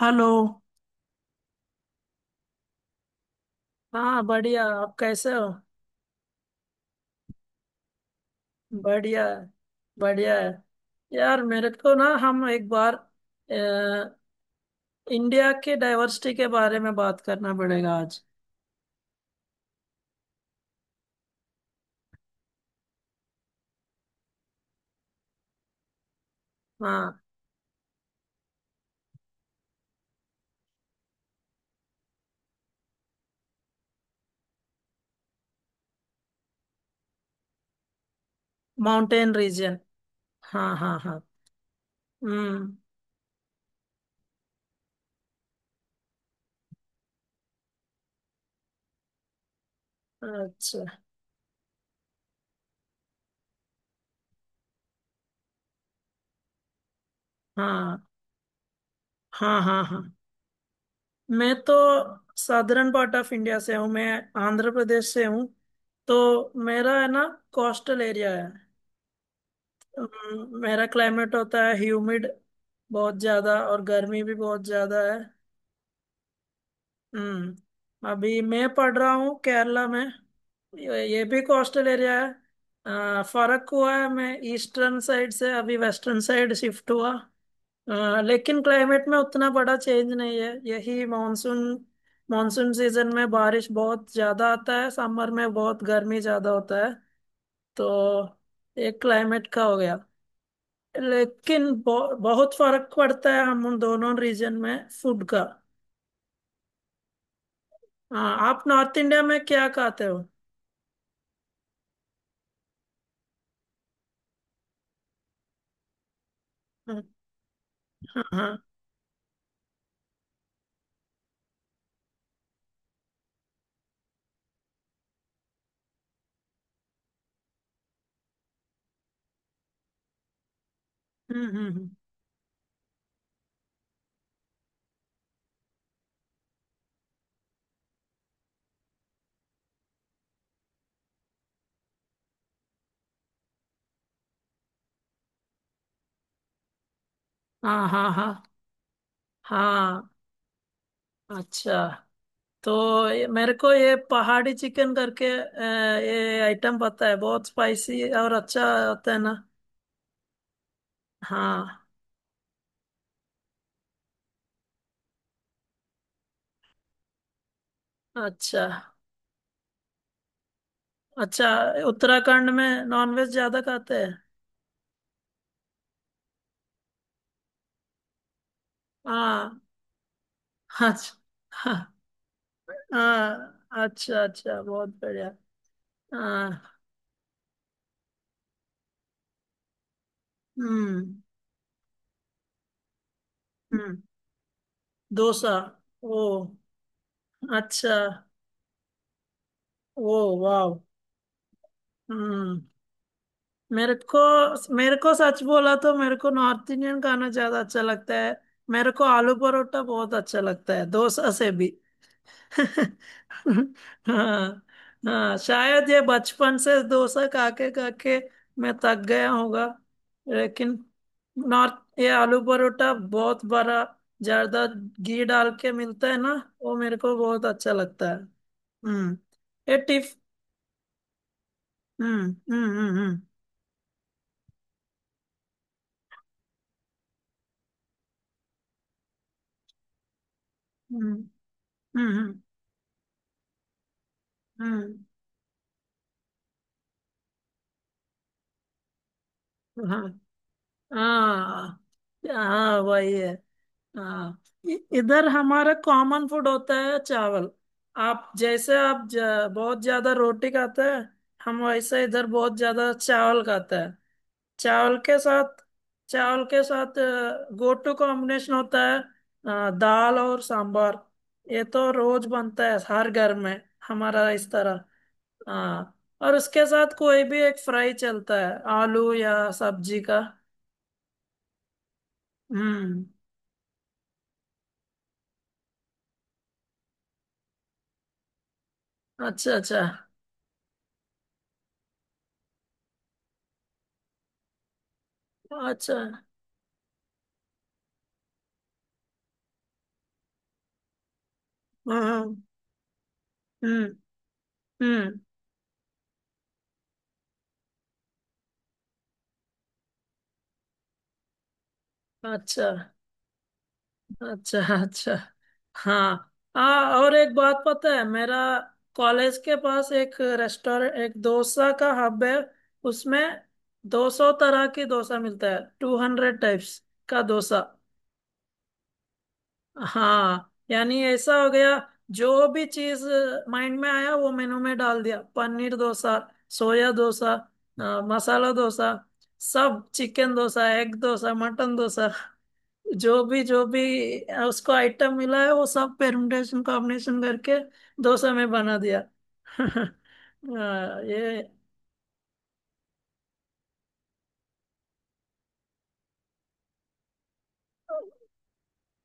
Hello. हाँ, बढ़िया। आप कैसे हो? बढ़िया है। बढ़िया है। यार मेरे को ना हम एक बार अ, इंडिया के डाइवर्सिटी के बारे में बात करना पड़ेगा आज। हाँ। Mountain region. हाँ हाँ हाँ। हम्म। अच्छा। हाँ हाँ हाँ हाँ। मैं तो साधारण पार्ट ऑफ इंडिया से हूँ। मैं आंध्र प्रदेश से हूँ। तो मेरा है ना, कोस्टल एरिया है। मेरा क्लाइमेट होता है ह्यूमिड, बहुत ज्यादा, और गर्मी भी बहुत ज्यादा है। हम्म। अभी मैं पढ़ रहा हूँ केरला में। ये भी कोस्टल एरिया है। फर्क हुआ है, मैं ईस्टर्न साइड से अभी वेस्टर्न साइड शिफ्ट हुआ। लेकिन क्लाइमेट में उतना बड़ा चेंज नहीं है। यही मानसून। मानसून सीजन में बारिश बहुत ज्यादा आता है, समर में बहुत गर्मी ज्यादा होता है। तो एक क्लाइमेट का हो गया। लेकिन बहुत फर्क पड़ता है, हम उन दोनों रीजन में फूड का। हाँ, आप नॉर्थ इंडिया में क्या खाते हो? हाँ हाँ। हम्म। हाँ हाँ हाँ हाँ। अच्छा। तो मेरे को ये पहाड़ी चिकन करके ये आइटम पता है, बहुत स्पाइसी और अच्छा होता है ना। हाँ। अच्छा अच्छा। उत्तराखंड में नॉनवेज ज्यादा खाते हैं? हाँ। अच्छा। हाँ हाँ, अच्छा अच्छा, बहुत बढ़िया। हाँ। हम्म हम्म। डोसा? ओ, अच्छा। ओ, वाव। हम्म। मेरे को मेरे को सच बोला तो मेरे को नॉर्थ इंडियन खाना ज्यादा अच्छा लगता है। मेरे को आलू परोठा बहुत अच्छा लगता है, डोसा से भी। हाँ। हाँ, शायद ये बचपन से डोसा खा के मैं थक गया होगा। लेकिन नॉर्थ, ये आलू परोठा बहुत बड़ा, ज्यादा घी डाल के मिलता है ना, वो मेरे को बहुत अच्छा लगता है। हम्म। ये टिफ हम्म हम्म हम्म हम्म हम्म हम्म हम्म। हाँ हाँ हाँ, वही है। हाँ। इधर हमारा कॉमन फूड होता है चावल। आप जैसे बहुत ज्यादा रोटी खाते हैं। हम वैसे इधर बहुत ज्यादा चावल खाते हैं। चावल के साथ चावल के साथ गो टू कॉम्बिनेशन होता है, दाल और सांभर। ये तो रोज बनता है हर घर में, हमारा इस तरह। हाँ, और उसके साथ कोई भी एक फ्राई चलता है, आलू या सब्जी का। हम्म। अच्छा अच्छा अच्छा। हम्म हम्म हम्म। अच्छा अच्छा अच्छा। हाँ हाँ। और एक बात पता है? मेरा कॉलेज के पास एक रेस्टोरेंट, एक डोसा का हब है। उसमें 200 तरह की डोसा मिलता है, 200 टाइप्स का डोसा। हाँ, यानी ऐसा हो गया, जो भी चीज माइंड में आया वो मेनू में डाल दिया। पनीर डोसा, सोया डोसा, मसाला डोसा, सब, chicken dosa, egg dosa, mutton dosa, जो भी उसको आइटम मिला है वो सब परम्यूटेशन कॉम्बिनेशन करके डोसा में बना दिया। ये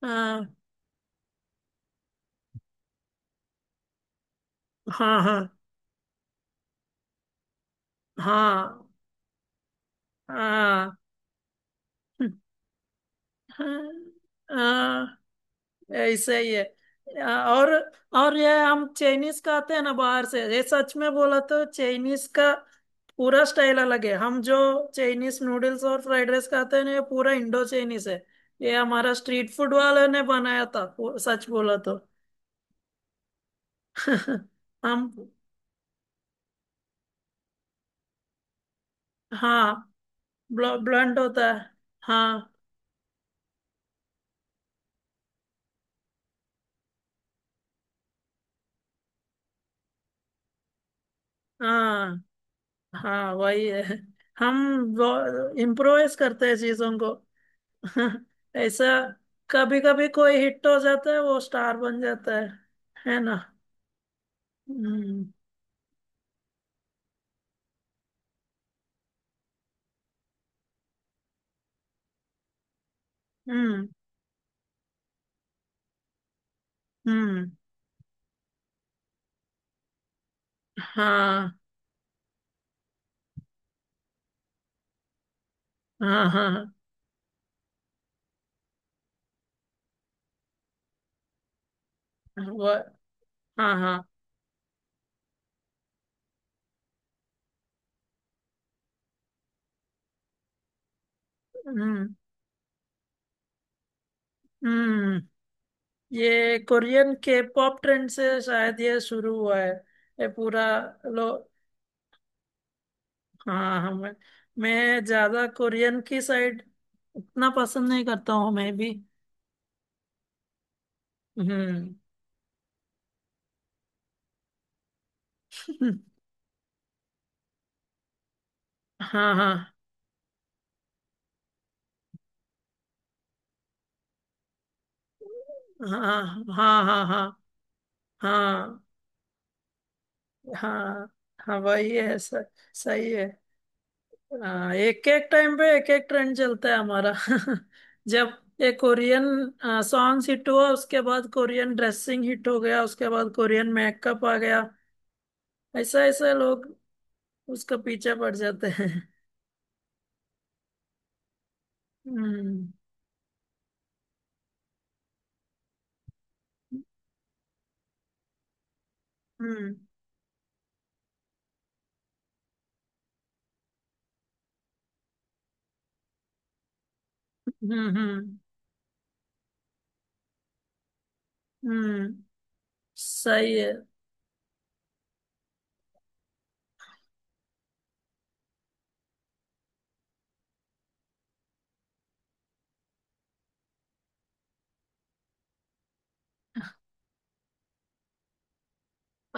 अ, हाँ हाँ हाँ हाँ। हाँ, ऐसा ही है। और और ये हम चाइनीज का आते हैं ना, बाहर से, ये सच में बोला तो, चाइनीज का पूरा स्टाइल अलग है। हम जो चाइनीज नूडल्स और फ्राइड राइस खाते हैं ना, ये पूरा इंडो चाइनीज है। ये हमारा स्ट्रीट फूड वाले ने बनाया था, सच बोला तो। हम हाँ। ब्लंट होता है। हाँ हाँ हाँ, वही है। हम इम्प्रोवाइज करते हैं चीजों को। ऐसा। कभी कभी कोई हिट हो जाता है, वो स्टार बन जाता है ना? हम्म हम्म हम्म। हाँ हाँ हाँ। हाँ, वो। हाँ हाँ। हम्म हम्म। ये कोरियन के पॉप ट्रेंड से शायद ये शुरू हुआ है। ये पूरा। लो। हाँ हाँ। मैं ज्यादा कोरियन की साइड उतना पसंद नहीं करता हूँ, मैं भी। हम्म। हाँ हाँ हाँ हाँ हाँ हाँ हाँ हाँ हाँ, वही है सर। सही है। हाँ, एक एक टाइम पे एक एक ट्रेंड चलता है हमारा। जब एक कोरियन सॉन्ग्स हिट हुआ, उसके बाद कोरियन ड्रेसिंग हिट हो गया, उसके बाद कोरियन मेकअप आ गया। ऐसा ऐसा लोग उसका पीछे पड़ जाते हैं। हम्म हम्म हम्म हम्म हम्म। सही है।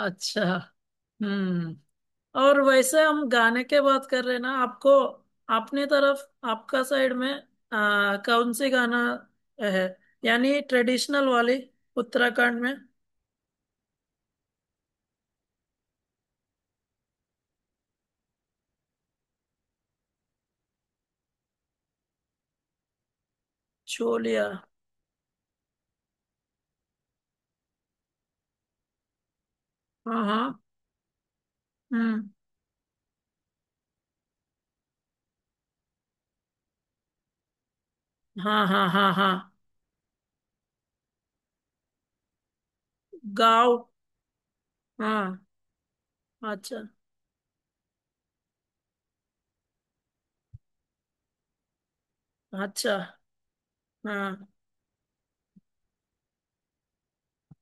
अच्छा। हम्म। और वैसे हम गाने के बात कर रहे हैं ना, आपको अपनी तरफ, आपका साइड में कौन सी गाना है, यानी ट्रेडिशनल वाली, उत्तराखंड में? छोलिया। हाँ हाँ। हम्म। हाँ हाँ हाँ हाँ। गाँव। हाँ। अच्छा अच्छा। हाँ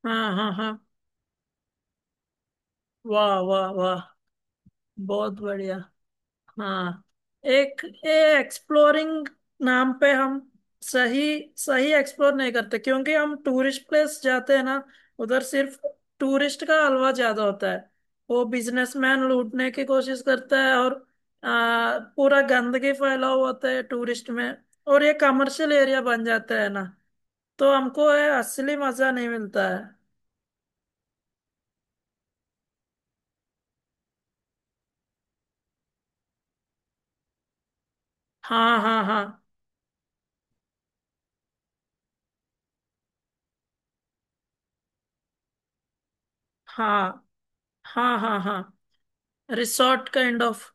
हाँ हाँ हाँ। वाह वाह वाह, बहुत बढ़िया। हाँ। एक एक्सप्लोरिंग नाम पे हम सही सही एक्सप्लोर नहीं करते, क्योंकि हम टूरिस्ट प्लेस जाते हैं ना। उधर सिर्फ टूरिस्ट का हलवा ज्यादा होता है, वो बिजनेसमैन लूटने की कोशिश करता है, और पूरा गंदगी फैला हुआ होता है टूरिस्ट में, और ये कमर्शियल एरिया बन जाता है ना। तो हमको ये असली मजा नहीं मिलता है। हाँ हाँ हाँ हाँ हाँ हाँ हाँ। Resort kind of.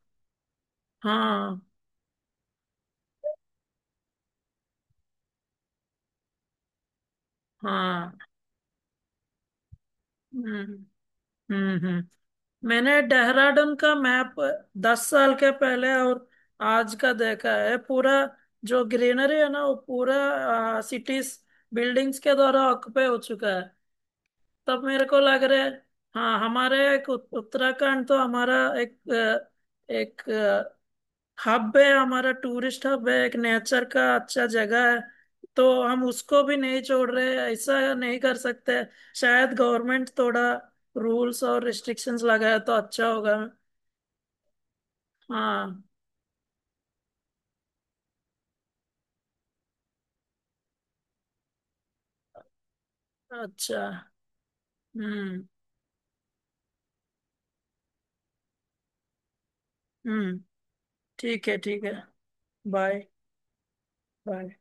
हाँ हाँ। हम्म हम्म हम्म। मैंने देहरादून का मैप 10 साल के पहले और आज का देखा है पूरा। जो ग्रीनरी है ना, वो पूरा सिटीज, बिल्डिंग्स के द्वारा ऑक्यूपाई हो चुका है, तब मेरे को लग रहा है। हाँ, हमारे एक उत्तराखंड तो हमारा एक, एक हब है, हमारा टूरिस्ट हब है, एक नेचर का अच्छा जगह है। तो हम उसको भी नहीं छोड़ रहे हैं, ऐसा नहीं कर सकते। शायद गवर्नमेंट थोड़ा रूल्स और रिस्ट्रिक्शंस लगाए तो अच्छा होगा। हाँ। अच्छा। हम्म हम्म। ठीक है ठीक है। बाय। बाय।